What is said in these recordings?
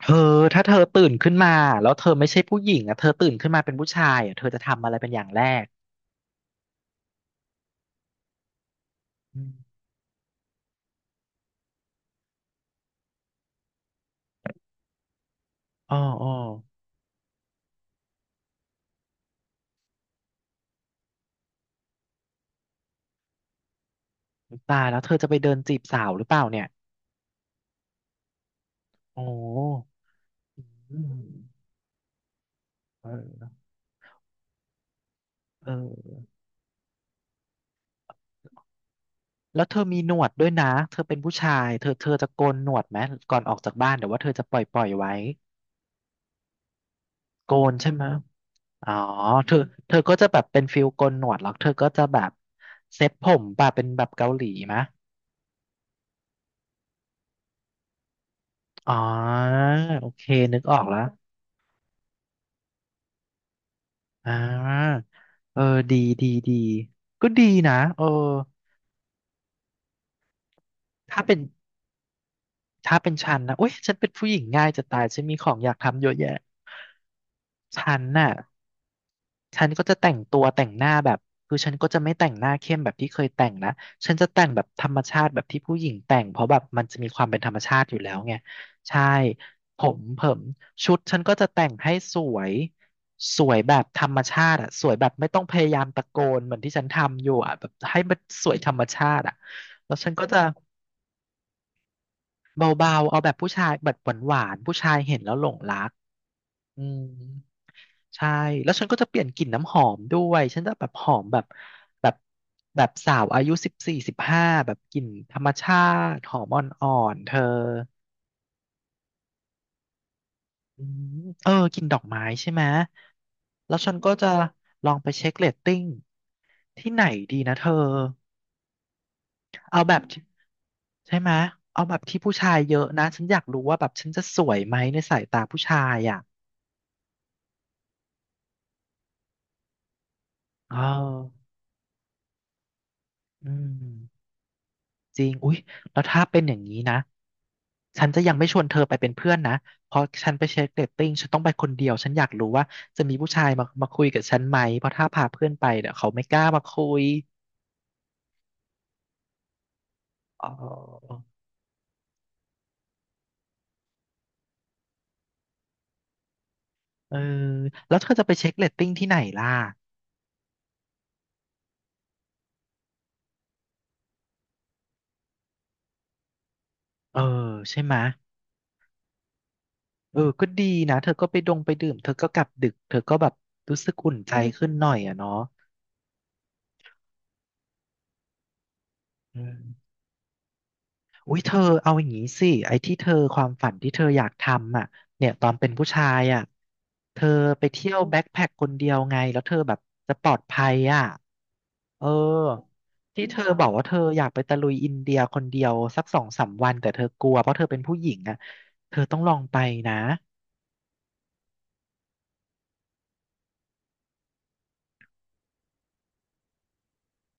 เธอถ้าเธอตื่นขึ้นมาแล้วเธอไม่ใช่ผู้หญิงอ่ะเธอตื่นขึ้นมาเป็นผู้ชายอ่ะเธอจะทำอะไรเป็นอย่างแรกอืมอ๋ออ๋อตายแล้วเธอจะไปเดินจีบสาวหรือเปล่าเนี่ยโอ้อืมเออเออแล้วเธอมีหนวดด้วยนะเธอเป็นผู้ชายเธอจะโกนหนวดไหมก่อนออกจากบ้านเดี๋ยวว่าเธอจะปล่อยไว้โกนใช่ไหมอ๋อเธอเธอก็จะแบบเป็นฟิลโกนหนวดแล้วเธอก็จะแบบเซ็ตผมแบบเป็นแบบเกาหลีมะอ๋อโอเคนึกออกแล้ว อ่าเออดีดีดีก็ดีนะเออถ้าเป็นถ้าเป็นฉันนะโอ้ยฉันเป็นผู้หญิงง่ายจะตายฉันมีของอยากทำเยอะแยะฉันน่ะ ฉันก็จะแต่งตัวแต่งหน้าแบบคือฉันก็จะไม่แต่งหน้าเข้มแบบที่เคยแต่งนะฉันจะแต่งแบบธรรมชาติแบบที่ผู้หญิงแต่งเพราะแบบมันจะมีความเป็นธรรมชาติอยู่แล้วไงใช่ผมเผมชุดฉันก็จะแต่งให้สวยสวยแบบธรรมชาติอะสวยแบบไม่ต้องพยายามตะโกนเหมือนที่ฉันทำอยู่อะแบบให้มันสวยธรรมชาติอะแล้วฉันก็จะเบาๆเอาแบบผู้ชายแบบหวานๆผู้ชายเห็นแล้วหลงรักอืม ใช่แล้วฉันก็จะเปลี่ยนกลิ่นน้ำหอมด้วยฉันจะแบบหอมแบบแบบแบบสาวอายุ14 15แบบกลิ่นธรรมชาติหอมอ่อนๆเธออืมเออกินดอกไม้ใช่ไหมแล้วฉันก็จะลองไปเช็คเรตติ้งที่ไหนดีนะเธอเอาแบบที่ใช่ไหมเอาแบบที่ผู้ชายเยอะนะฉันอยากรู้ว่าแบบฉันจะสวยไหมในสายตาผู้ชายอ่ะเอออืม จริงอุ๊ยแล้วถ้าเป็นอย่างนี้นะฉันจะยังไม่ชวนเธอไปเป็นเพื่อนนะเพราะฉันไปเช็คเรตติ้งฉันต้องไปคนเดียวฉันอยากรู้ว่าจะมีผู้ชายมาคุยกับฉันไหมเพราะถ้าพาเพื่อนไปเดี๋ยวเขาไม่กล้ามาคุยอ๋อเออแล้วเธอจะไปเช็คเรตติ้งที่ไหนล่ะเออใช่ไหมเออก็ดีนะเธอก็ไปดงไปดื่มเธอก็กลับดึกเธอก็แบบรู้สึกอุ่นใจขึ้นหน่อยอะเนาะอืม อุ้ยเธอเอาอย่างนี้สิไอ้ที่เธอความฝันที่เธออยากทำอ่ะเนี่ยตอนเป็นผู้ชายอ่ะเธอไปเที่ยวแบ็คแพ็คคนเดียวไงแล้วเธอแบบจะปลอดภัยอ่ะเออที่เธอบอกว่าเธออยากไปตะลุยอินเดียคนเดียวสักสองสามวันแต่เธอกลัวเพราะเธอเป็นผู้หญิงอ่ะเธอต้องลองไปนะ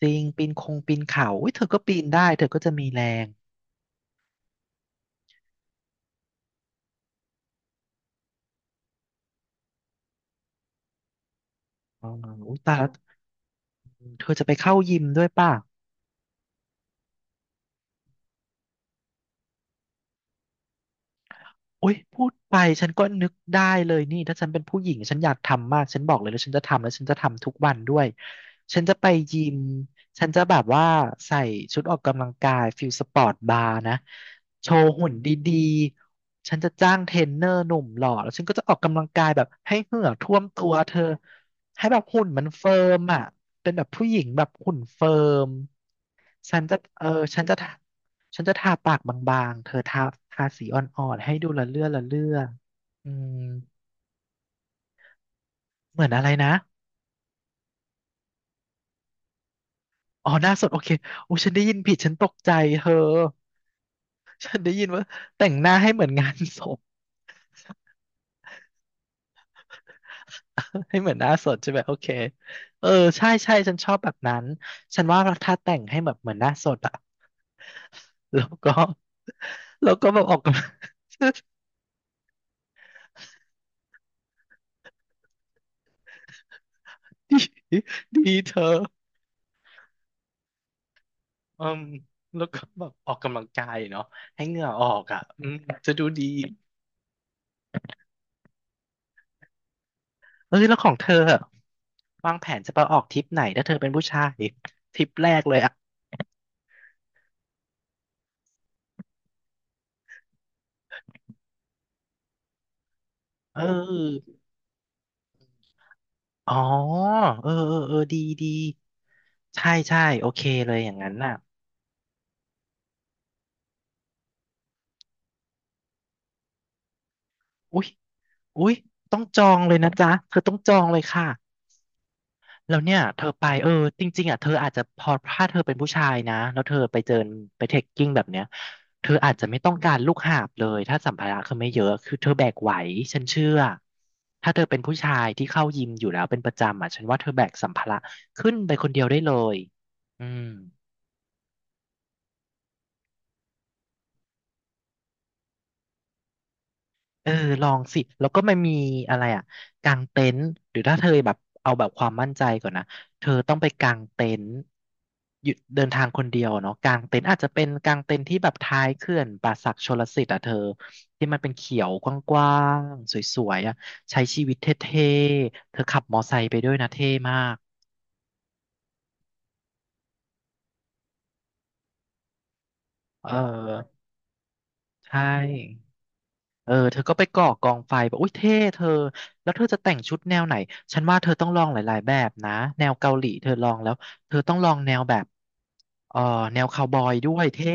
จริงปีนคงปีนเขาอุ้ยเธอก็ปีนได้เธอก็จะมีแรงอ๋ออุ้ยตายแล้วเธอจะไปเข้ายิมด้วยป่ะ โอ๊ยพูดไปฉันก็นึกได้เลยนี่ถ้าฉันเป็นผู้หญิงฉันอยากทำมากฉันบอกเลยแล้วฉันจะทำแล้วฉันจะทำทุกวันด้วยฉันจะไปยิมฉันจะแบบว่าใส่ชุดออกกำลังกายฟิลสปอร์ตบาร์นะโชว์หุ่นดีๆฉันจะจ้างเทรนเนอร์หนุ่มหล่อแล้วฉันก็จะออกกำลังกายแบบให้เหงื่อท่วมตัวเธอให้แบบหุ่นมันเฟิร์มอ่ะเป็นแบบผู้หญิงแบบหุ่นเฟิร์มฉันจะเออฉันจะ ฉันจะทาปากบางๆเธอทาสีอ่อนๆให้ดูละเลื่อละเลื่ออืมเหมือนอะไรนะอ๋อหน้าสดโอเคโอ้ฉันได้ยินผิดฉันตกใจเธอฉันได้ยินว่าแต่งหน้าให้เหมือนงานศพ ให้เหมือนหน้าสดใช่ไหมโอเคเออใช่ใช่ฉันชอบแบบนั้น ฉันว่าถ้าแต่งให้แบบเหมือนหน้าสดอะ แล้วก็ แล้วก็แบบออกกำลัง ดีดีเธออืมแล้วก็แบบออกกำลังกายเนาะให้เหงื่อออกอ่ะอืมจะดูดี เออแล้วของเธออะวางแผนจะไปออกทริปไหนถ้าเธอเป็นผู้ชายทริปแรกเลยอ่ะเอออ๋อเออเออเออดีดีใช่ใช่โอเคเลยอย่างนั้นน่ะอุ๊ยอุ๊ยต้องจองเลยนะจ๊ะเธอต้องจองเลยค่ะ แล้วเนี่ยเธอไปเออจริงๆอ่ะเธออาจจะพอถ้าเธอเป็นผู้ชายนะแล้วเธอไปเจอไปเทคกิ้งแบบเนี้ยเธออาจจะไม่ต้องการลูกหาบเลยถ้าสัมภาระคือไม่เยอะคือเธอแบกไหวฉันเชื่อถ้าเธอเป็นผู้ชายที่เข้ายิมอยู่แล้วเป็นประจำอ่ะฉันว่าเธอแบกสัมภาระขึ้นไปคนเดียวได้เลยอืม เออลองสิแล้วก็มันมีอะไรอ่ะกางเต็นท์หรือถ้าเธอแบบเอาแบบความมั่นใจก่อนนะเธอต้องไปกางเต็นท์หยุดเดินทางคนเดียวเนาะกางเต็นท์อาจจะเป็นกางเต็นท์ที่แบบท้ายเขื่อนป่าสักชลสิทธิ์อ่ะเธอที่มันเป็นเขียวกว้างๆสวยๆอ่ะใช้ชีวิตเท่ๆเธอขับมอไซค์ไปด้วยนะเท่มากเออใช่ เออเธอก็ไปก่อกองไฟบอกอุ้ยเท่เธอแล้วเธอจะแต่งชุดแนวไหนฉันว่าเธอต้องลองหลายๆแบบนะแนวเกาหลีเธอลองแล้วเธอต้องลองแนวแบบเออแนวคาวบอยด้วยเท่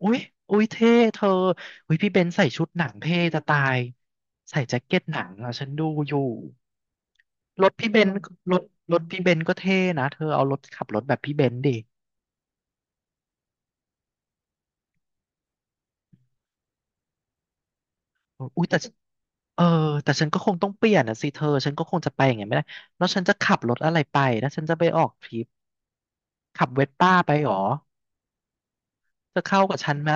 อุ้ยอุ้ยเท่เธออุ้ยพี่เบนซ์ใส่ชุดหนังเท่จะตายใส่แจ็คเก็ตหนังอ่ะฉันดูอยู่รถพี่เบนซ์รถรถพี่เบนซ์ก็เท่นะเธอเอารถขับรถแบบพี่เบนซ์ดิ อุ้ยแต่ฉันเออแต่ฉันก็คงต้องเปลี่ยนอ่ะสิเธอฉันก็คงจะไปอย่างเงี้ยไม่ได้แล้วฉันจะขับรถอะไรไปแล้วฉันจะไปออกทริปขับเวสป้าไปหรอจะเข้ากับฉันไหม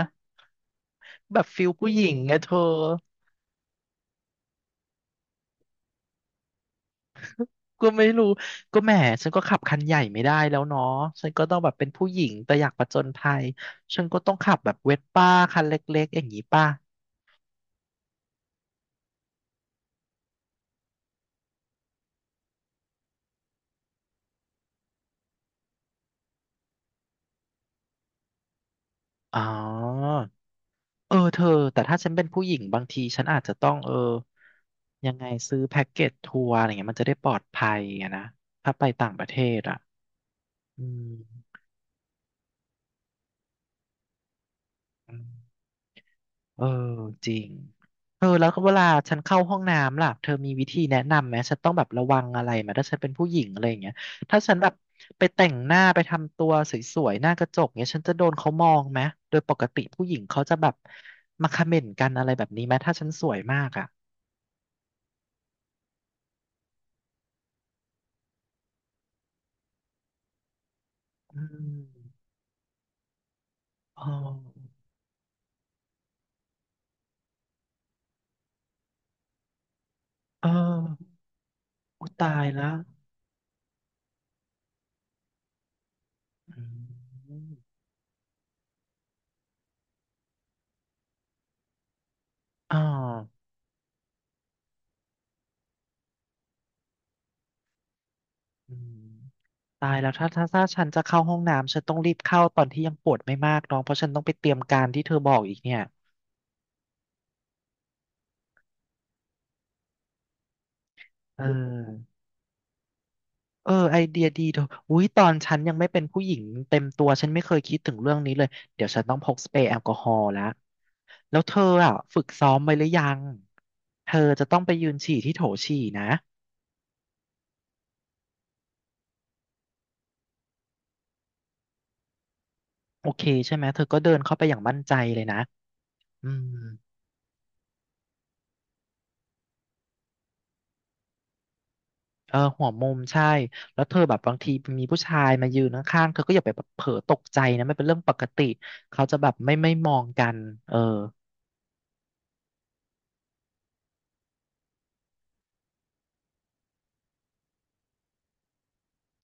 แบบฟิลผู้หญิงไงเธอก็ไม่รู้ก็แหมฉันก็ขับคันใหญ่ไม่ได้แล้วเนาะฉันก็ต้องแบบเป็นผู้หญิงแต่อยากผจญภัยฉันก็ต้องขับแบบเวสป้าคันเล็กๆอย่างนี้ป่ะอ๋อ เออเธอแต่ถ้าฉันเป็นผู้หญิงบางทีฉันอาจจะต้องยังไงซื้อแพ็กเกจทัวร์อะไรเงี้ยมันจะได้ปลอดภัยอะนะถ้าไปต่างประเทศอ่ะอืมอืมเออจริงเออแล้วก็เวลาฉันเข้าห้องน้ำล่ะเธอมีวิธีแนะนำไหมฉันต้องแบบระวังอะไรไหมถ้าฉันเป็นผู้หญิงอะไรอย่างเงี้ยถ้าฉันแบบไปแต่งหน้าไปทำตัวสวยๆหน้ากระจกเงี้ยฉันจะโดนเขามองไหมโดยปกติผู้หญิงเขาจะแบบมาคอมเมนต์กันอะไรแบบนี้ไหมถ้าฉันสวยมากอ่ะอืมอ๋อ อ้าวอุ๊ยตายแล้วอืมอ้าวอืมตายแล้วถ้าฉันจะเข้าห้องน้ำฉันต้องรีบเข้าตอนที่ยังปวดไม่มากน้องเพราะฉันต้องไปเตรียมการที่เธอบอกอีกเนี่ยเออเออไอเดียดีเธออุ้ยตอนฉันยังไม่เป็นผู้หญิงเต็มตัวฉันไม่เคยคิดถึงเรื่องนี้เลยเดี๋ยวฉันต้องพกสเปรย์แอลกอฮอล์แล้วแล้วเธออ่ะฝึกซ้อมไว้หรือยังเธอจะต้องไปยืนฉี่ที่โถฉี่นะโอเคใช่ไหมเธอก็เดินเข้าไปอย่างมั่นใจเลยนะอืม เออหัวมุมใช่แล้วเธอแบบบางทีมีผู้ชายมายืนข้างๆเธอก็อย่าไปแบบเผลอตกใจนะมันเป็นเรื่องปกติเขาจะแบบไม่มองกันเออ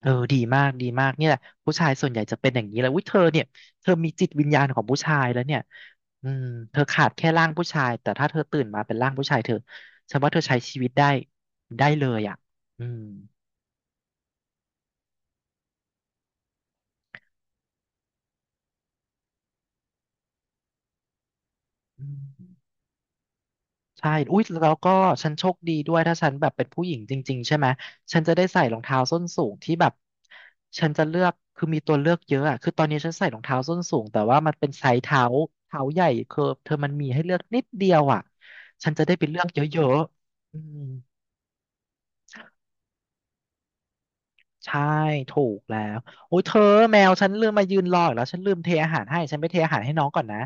เออดีมากดีมากเนี่ยแหละผู้ชายส่วนใหญ่จะเป็นอย่างนี้แหละอุ้ยเธอเนี่ยเธอมีจิตวิญญาณของผู้ชายแล้วเนี่ยอืมเธอขาดแค่ร่างผู้ชายแต่ถ้าเธอตื่นมาเป็นร่างผู้ชายเธอฉันว่าเธอใช้ชีวิตได้ได้เลยอ่ะอืมอืม ใช่อุ๊ยแล้วก็ฉันโชคดีด้วยถ้าฉันแบบเป็นผู้หญิงจริงๆใช่ไหมฉันจะได้ใส่รองเท้าส้นสูงที่แบบฉันจะเลือกคือมีตัวเลือกเยอะอะคือตอนนี้ฉันใส่รองเท้าส้นสูงแต่ว่ามันเป็นไซส์เท้าใหญ่คือเธอมันมีให้เลือกนิดเดียวอ่ะฉันจะได้ไปเลือกเยอะๆอืมใช่ถูกแล้วโอ้ยเธอแมวฉันลืมมายืนรออีกแล้วฉันลืมเทอาหารให้ฉันไปเทอาหารให้น้องก่อนนะ